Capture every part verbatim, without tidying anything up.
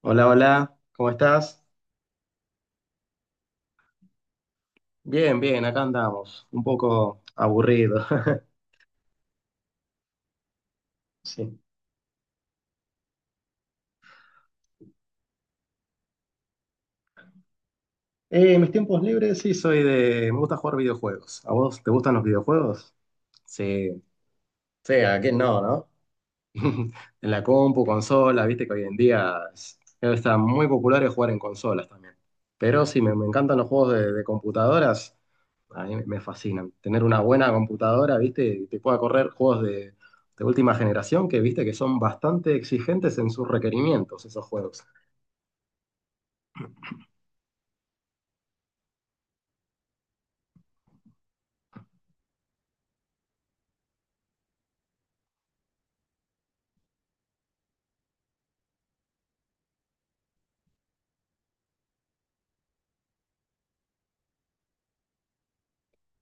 Hola, hola, ¿cómo estás? Bien, bien, acá andamos, un poco aburrido. Sí. Eh, mis tiempos libres, sí, soy de... me gusta jugar videojuegos. ¿A vos te gustan los videojuegos? Sí. Sí, ¿a quién no, no? En la compu, consola, viste que hoy en día es- está muy popular el jugar en consolas también. Pero sí, me, me encantan los juegos de, de computadoras, a mí me me fascinan. Tener una buena computadora, viste, y te pueda correr juegos de, de última generación, que viste que son bastante exigentes en sus requerimientos, esos juegos.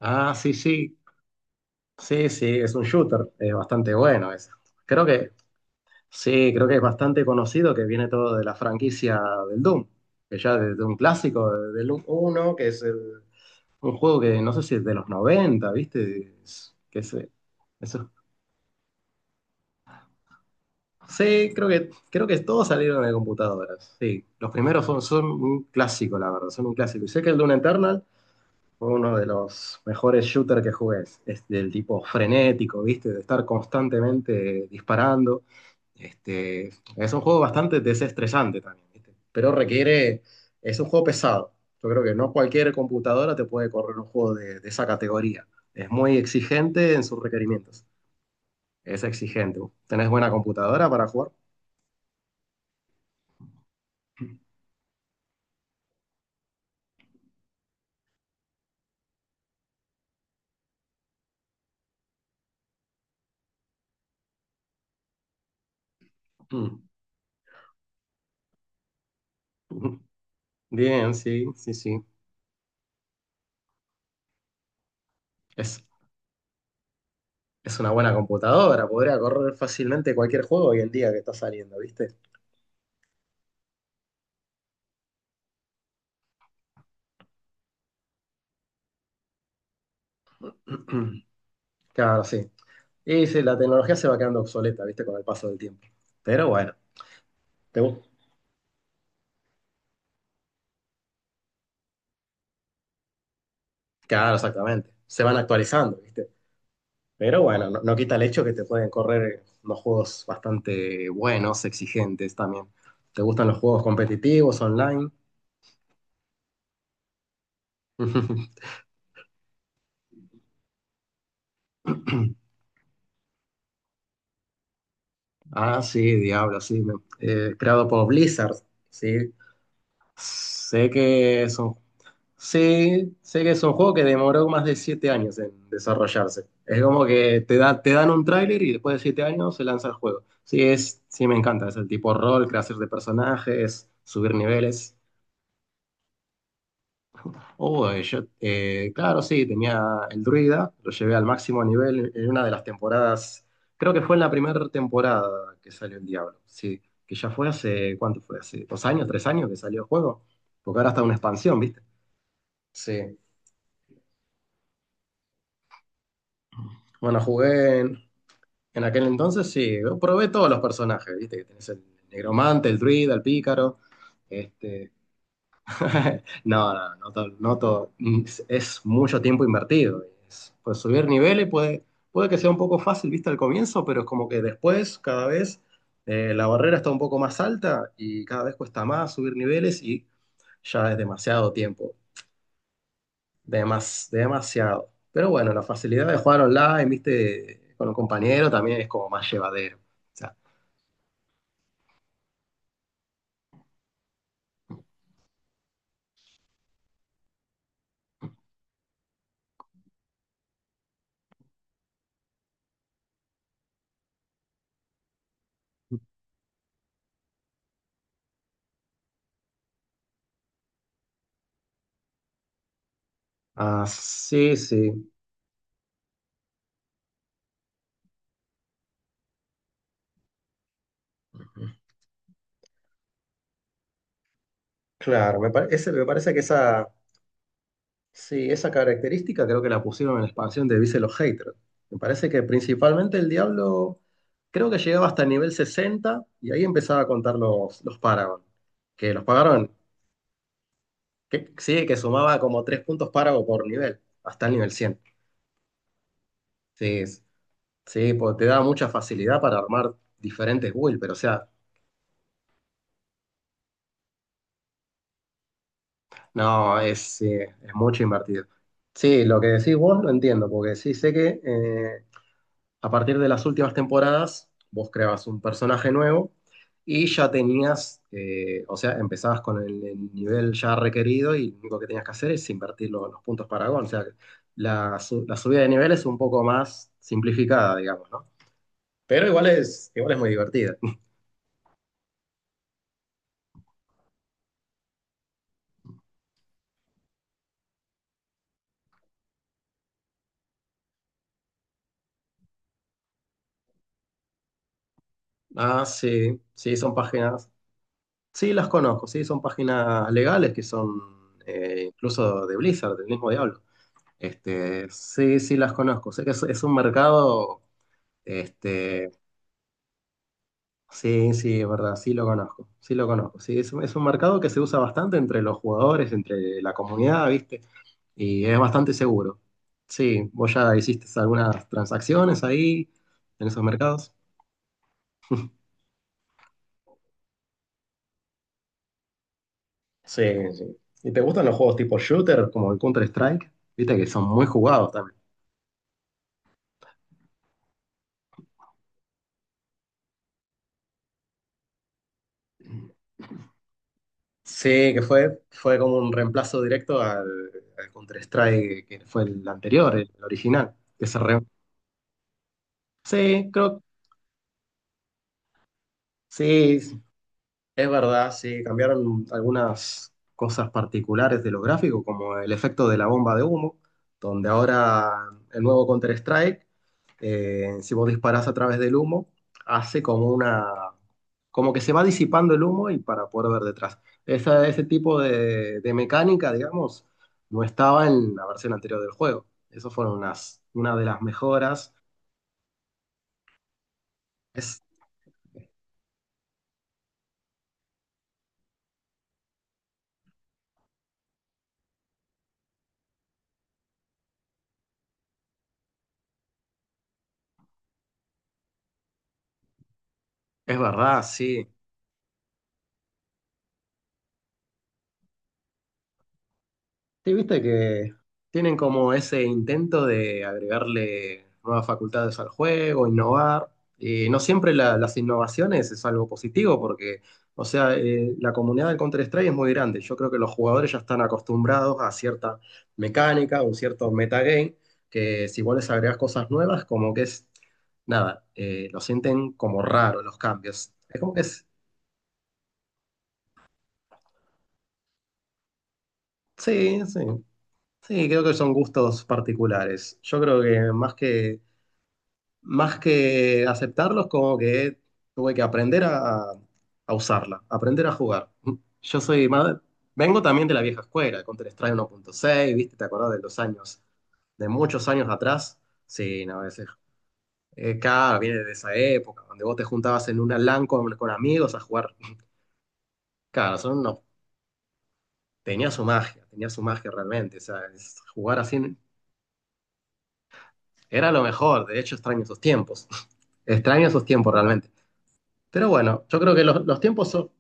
Ah, sí, sí, sí, sí, es un shooter, es bastante bueno ese. Creo que Sí, creo que es bastante conocido, que viene todo de la franquicia del Doom, que ya desde un clásico, de- del Doom uno, que es el- un juego que no sé si es de los noventa, ¿viste? Es- que se- eso. Sí, creo que, creo que todos salieron de computadoras. Sí, los primeros son, son un clásico, la verdad, son un clásico. Y sé que el Doom Eternal fue uno de los mejores shooters que jugué. Es del tipo frenético, ¿viste? De estar constantemente disparando. Este, es un juego bastante desestresante también, ¿viste? Pero requiere. Es un juego pesado. Yo creo que no cualquier computadora te puede correr un juego de, de esa categoría. Es muy exigente en sus requerimientos. Es exigente. ¿Tenés buena computadora para jugar? Bien, sí, sí, sí. Es, Es una buena computadora, podría correr fácilmente cualquier juego hoy en día que está saliendo, ¿viste? Claro, sí. Y sí, la tecnología se va quedando obsoleta, ¿viste? Con el paso del tiempo. Pero bueno, te bu- claro, exactamente. Se van actualizando, ¿viste? Pero bueno, no, no quita el hecho que te pueden correr unos juegos bastante buenos, exigentes también. ¿Te gustan los juegos competitivos, online? Ah, sí, Diablo, sí. me- eh, creado por Blizzard, sí. Sé que son Sí, sé que es un juego que demoró más de siete años en desarrollarse. Es como que te da, te dan un tráiler y después de siete años se lanza el juego. Sí, es, sí me encanta. Es el tipo rol, creación de personajes, subir niveles. Oh, eh, yo, eh, claro, sí, tenía el druida, lo llevé al máximo nivel en una de las temporadas. Creo que fue en la primera temporada que salió el Diablo. Sí, que ya fue hace, ¿cuánto fue? Hace dos años, tres años que salió el juego. Porque ahora está una expansión, ¿viste? Sí. Bueno, jugué. En aquel entonces sí, yo probé todos los personajes, ¿viste? Que tenés el negromante, el druida, el pícaro. Este... no, no, no, to- no to- es mucho tiempo invertido. Es- pues subir niveles puede, puede que sea un poco fácil, ¿viste? Al comienzo, pero es como que después, cada vez, eh, la barrera está un poco más alta y cada vez cuesta más subir niveles y ya es demasiado tiempo. Demas- demasiado. Pero bueno, la facilidad de jugar online, ¿viste? Con un compañero también es como más llevadero. Ah, sí, sí. Claro, me, pare- ese- me parece que esa, sí, esa característica creo que la pusieron en la expansión de Vice los Haters. Me parece que principalmente el Diablo creo que llegaba hasta el nivel sesenta y ahí empezaba a contar los, los Paragon. Que los pagaron, que, sí, que sumaba como tres puntos Paragon por nivel, hasta el nivel cien. Sí, es- sí, porque te da mucha facilidad para armar diferentes builds, pero o sea, no, es, sí, es mucho invertido. Sí, lo que decís vos lo entiendo, porque sí sé que eh, a partir de las últimas temporadas vos creabas un personaje nuevo y ya tenías, eh, o sea, empezabas con el, el nivel ya requerido y lo único que tenías que hacer es invertir lo- los puntos Paragon. O sea, la, su- la subida de nivel es un poco más simplificada, digamos, ¿no? Pero igual es, igual es muy divertida. Ah, sí, sí, son páginas. Sí, las conozco, sí, son páginas legales que son eh, incluso de Blizzard, del mismo diablo. Este, sí, sí, las conozco. Sé que es, es un mercado, este, sí, sí, es verdad, sí lo conozco, sí lo conozco. Sí, es, un- es un mercado que se usa bastante entre los jugadores, entre la comunidad, ¿viste? Y es bastante seguro. Sí, vos ya hiciste algunas transacciones ahí, en esos mercados. Sí, sí. ¿Y te gustan los juegos tipo shooter, como el Counter-Strike? Viste que son muy jugados. Sí, que fue, fue como un reemplazo directo al, al Counter-Strike que fue el anterior, el, el original. Que se re- Sí, creo, sí, es verdad, sí, cambiaron algunas cosas particulares de los gráficos, como el efecto de la bomba de humo, donde ahora el nuevo Counter-Strike, eh, si vos disparás a través del humo, hace como una, como que se va disipando el humo y para poder ver detrás. Esa- ese tipo de, de mecánica, digamos, no estaba en la versión anterior del juego. Eso fueron unas, una de las mejoras. Es, es verdad, sí. Sí, viste que tienen como ese intento de agregarle nuevas facultades al juego, innovar. Eh, no siempre la- las innovaciones es algo positivo porque, o sea, eh, la comunidad del Counter-Strike es muy grande. Yo creo que los jugadores ya están acostumbrados a cierta mecánica, un cierto metagame, que si vos les agregás cosas nuevas, como que es, nada, eh, lo sienten como raro los cambios. Es como que es, sí, sí. Sí, creo que son gustos particulares. Yo creo que más que más que aceptarlos, como que tuve que aprender a, a usarla, aprender a jugar. Yo soy más, vengo también de la vieja escuela, Counter-Strike uno punto seis, ¿viste? ¿Te acordás de los años, de muchos años atrás? Sí, no, a veces. Eh, claro, viene de esa época, donde vos te juntabas en una LAN con, con amigos a jugar. Claro, son unos, tenía su magia, tenía su magia realmente. O sea, es- jugar así era lo mejor. De hecho, extraño esos tiempos. Extraño esos tiempos realmente. Pero bueno, yo creo que los, los tiempos son-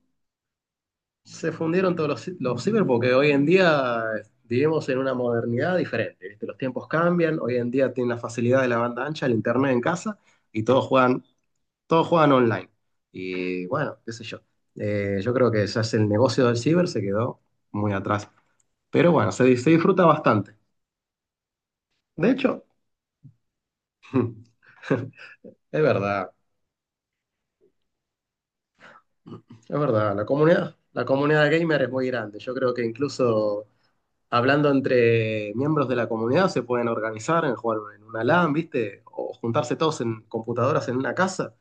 se fundieron todos los, los ciber porque hoy en día eh, vivimos en una modernidad diferente, ¿viste? Los tiempos cambian, hoy en día tienen la facilidad de la banda ancha, el internet en casa y todos juegan, todos juegan online. Y bueno, qué sé yo. Eh, yo creo que ya es el negocio del ciber se quedó muy atrás. Pero bueno, se, di- se disfruta bastante. De hecho, es verdad, es verdad, la comunidad, la comunidad gamer es muy grande. Yo creo que incluso hablando entre miembros de la comunidad, se pueden organizar en jugar en una LAN, ¿viste? O juntarse todos en computadoras en una casa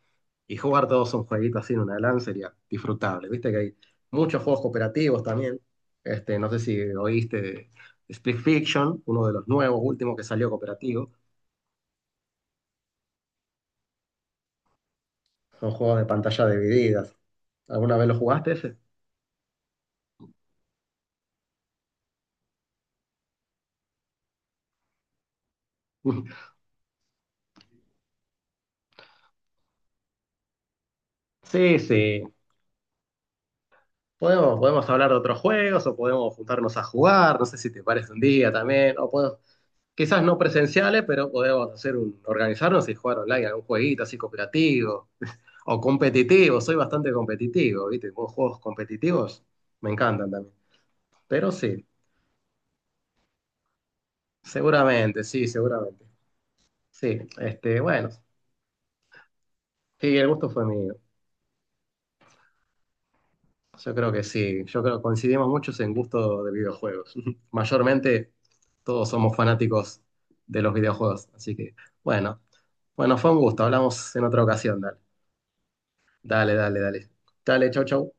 y jugar todos un jueguito así en una LAN sería disfrutable, ¿viste? Que hay muchos juegos cooperativos también. Este, no sé si oíste de Split Fiction, uno de los nuevos, últimos que salió cooperativo. Son juegos de pantalla divididas. ¿Alguna vez lo jugaste ese? Sí, sí. Podemos, podemos hablar de otros juegos o podemos juntarnos a jugar, no sé si te parece un día también, o podemos, quizás no presenciales, pero podemos hacer un, organizarnos y jugar online, algún jueguito así cooperativo o competitivo. Soy bastante competitivo, ¿viste? Con juegos competitivos me encantan también. Pero sí, seguramente, sí, seguramente. Sí, este, bueno, sí, el gusto fue mío. Yo creo que sí, yo creo que coincidimos muchos en gusto de videojuegos. Mayormente todos somos fanáticos de los videojuegos, así que bueno, bueno, fue un gusto, hablamos en otra ocasión, dale. Dale, dale, dale. Dale, chau, chau.